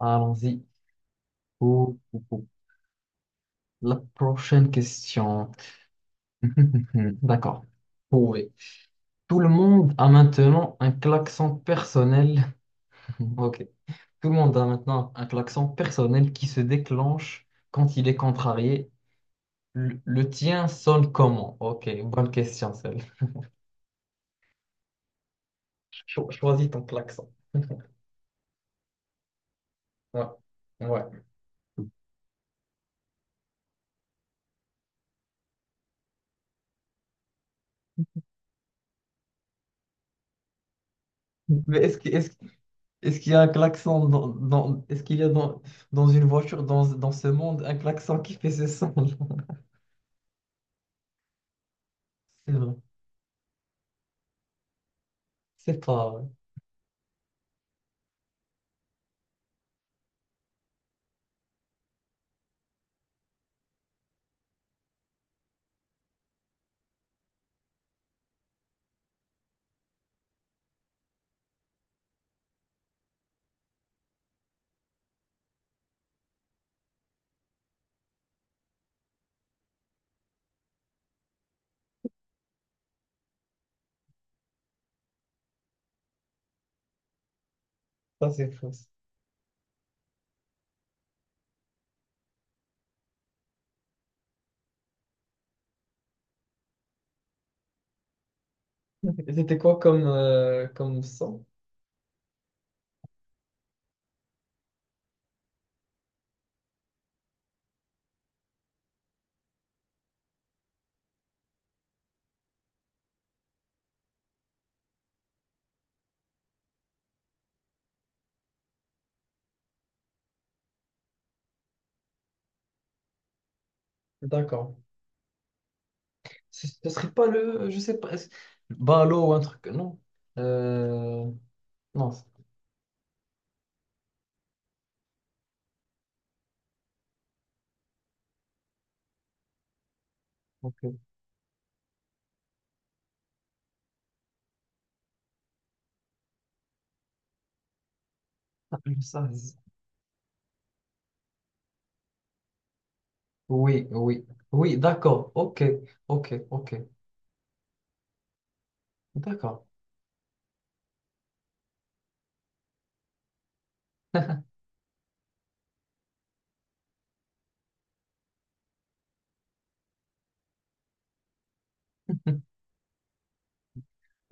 Allons-y pour, pour la prochaine question. D'accord. Prouvé. Tout le monde a maintenant un klaxon personnel. Ok. Tout le monde a maintenant un klaxon personnel qui se déclenche quand il est contrarié. Le tien sonne comment? Ok, bonne question celle. Choisis ton klaxon. Ouais. Ouais. Mais est-ce qu'il y a un klaxon dans, est-ce qu'il y a dans, dans une voiture, dans, dans ce monde, un klaxon qui fait ce son? C'est vrai. C'est pas vrai. Ça, c'est faux. Et c'était quoi comme, comme son? D'accord. Ce serait pas le, je sais pas, Balo ou un truc, non? Euh, non. Ok. Ah, je sais. Oui, oui. Oui, d'accord. Ok, ok, ok. D'accord.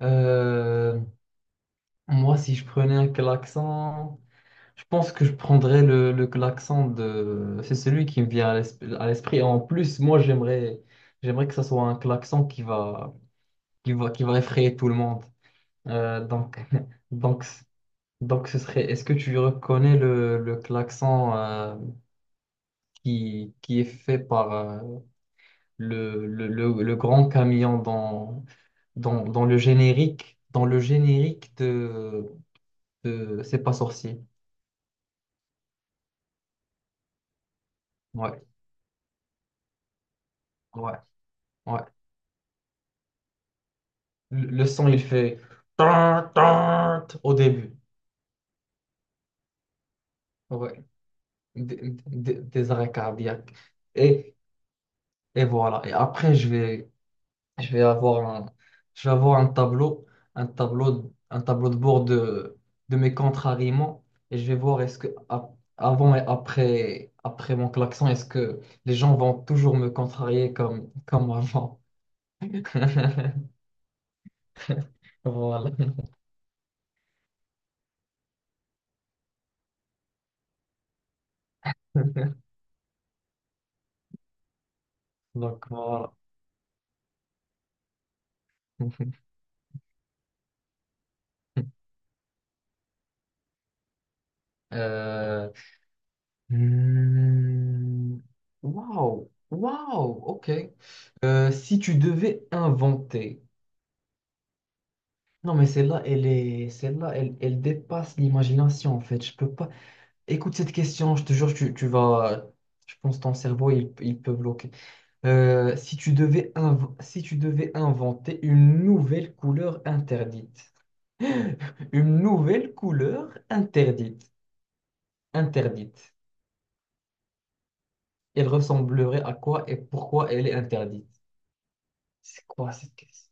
Euh, moi, si je prenais un klaxon. Je pense que je prendrais le klaxon de... C'est celui qui me vient à l'esprit. À l'esprit. En plus, moi, j'aimerais, j'aimerais que ça soit un klaxon qui va, qui va, qui va effrayer tout le monde. Donc, donc, donc, ce serait... Est-ce que tu reconnais le klaxon qui est fait par le, le grand camion dans, dans, dans le générique de C'est pas sorcier. Ouais, ouais, ouais. Le son, il fait tan, tan au début. Ouais. Des, des arrêts cardiaques. Et, et voilà. Et après, je vais avoir un, je vais avoir un tableau, un tableau, un tableau de bord de mes contrariements. Et je vais voir est-ce que avant et après, après mon klaxon, est-ce que les gens vont toujours me contrarier comme, comme avant. Voilà. Donc voilà. Euh, Hmm. Waouh, waouh, ok. Si tu devais inventer, non mais celle-là, elle est, celle-là, elle, elle dépasse l'imagination en fait. Je peux pas. Écoute cette question, je te jure, tu vas, je pense que ton cerveau il peut bloquer. Si tu devais si tu devais inventer une nouvelle couleur interdite, une nouvelle couleur interdite, interdite, elle ressemblerait à quoi et pourquoi elle est interdite? C'est quoi cette caisse?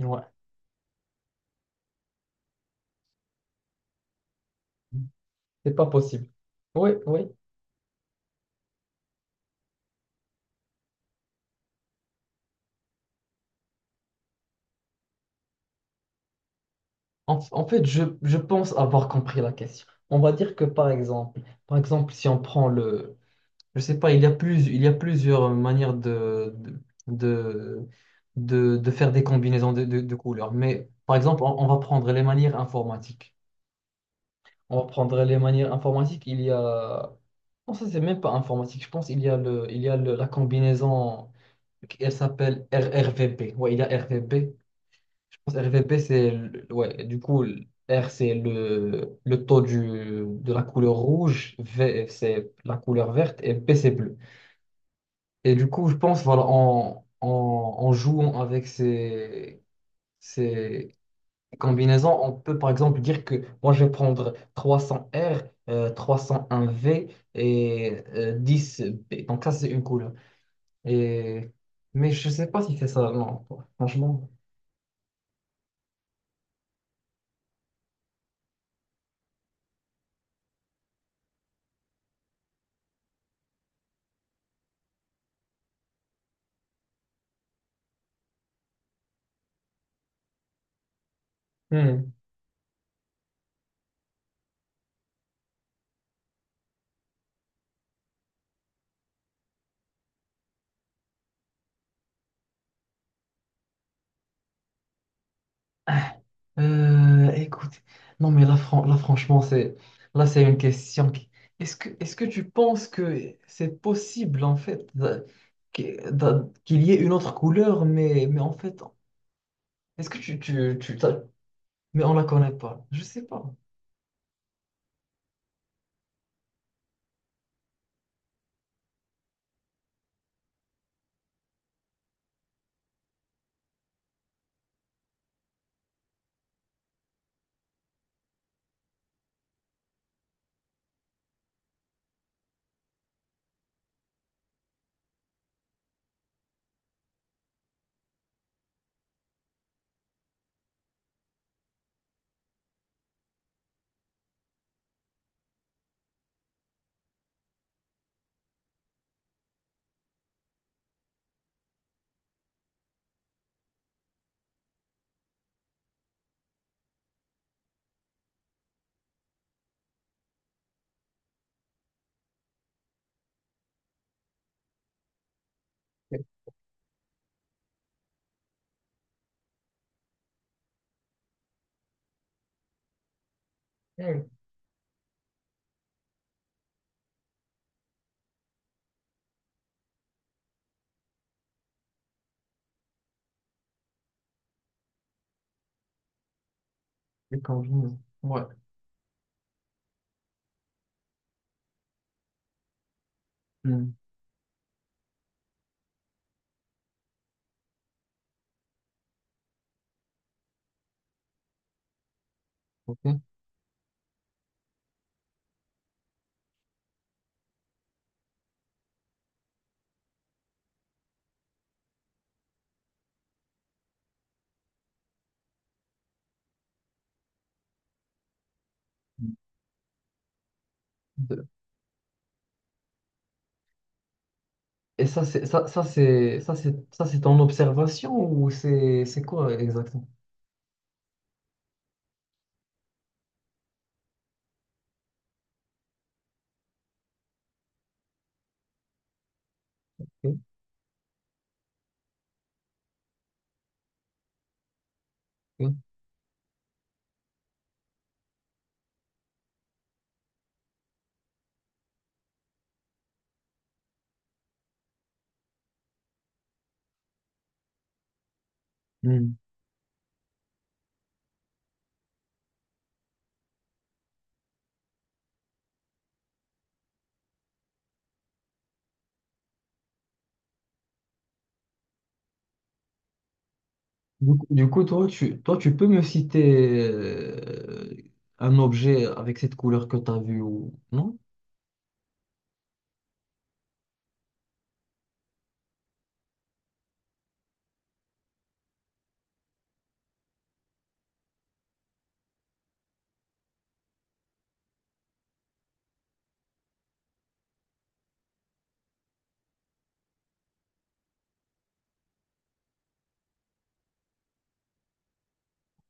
Ouais, c'est pas possible. Oui, oui. En fait, je pense avoir compris la question. On va dire que par exemple, si on prend le, je sais pas, il y a plus, il y a plusieurs manières de, faire des combinaisons de, de couleurs. Mais par exemple, on va prendre les manières informatiques. On va prendre les manières informatiques. Il y a, non, ça c'est même pas informatique. Je pense il y a le, il y a la combinaison. Elle s'appelle RVB. Ouais, il y a R V B je pense RVP, c'est ouais, du coup, le R, c'est le taux du, de la couleur rouge, V, c'est la couleur verte, et P, c'est bleu. Et du coup, je pense, voilà, en, en, en jouant avec ces, ces combinaisons, on peut par exemple dire que moi, je vais prendre 300 R, 301 V et 10 B. Donc, ça, c'est une couleur. Et... Mais je sais pas si c'est ça, non, franchement. Hmm. Écoute, non mais là, là franchement, c'est là c'est une question. Est-ce que tu penses que c'est possible en fait qu'il y ait une autre couleur, mais en fait, est-ce que tu, mais on la connaît pas. Je sais pas. Hmm. Les combinaisons. Ouais. Hmm. Ok. De- Et ça c'est ça c'est ça c'est ton observation ou c'est quoi exactement? Ok. Ok. Du coup, toi, tu peux me citer un objet avec cette couleur que tu as vue ou non?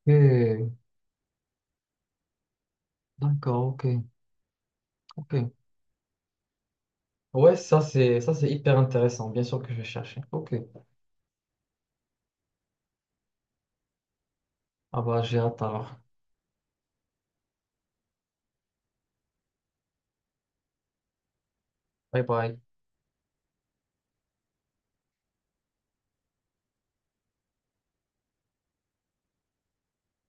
Ok, d'accord, ok, ok. Ouais, ça c'est hyper intéressant. Bien sûr que je vais chercher. Ok. Ah bah j'ai hâte alors. Bye bye.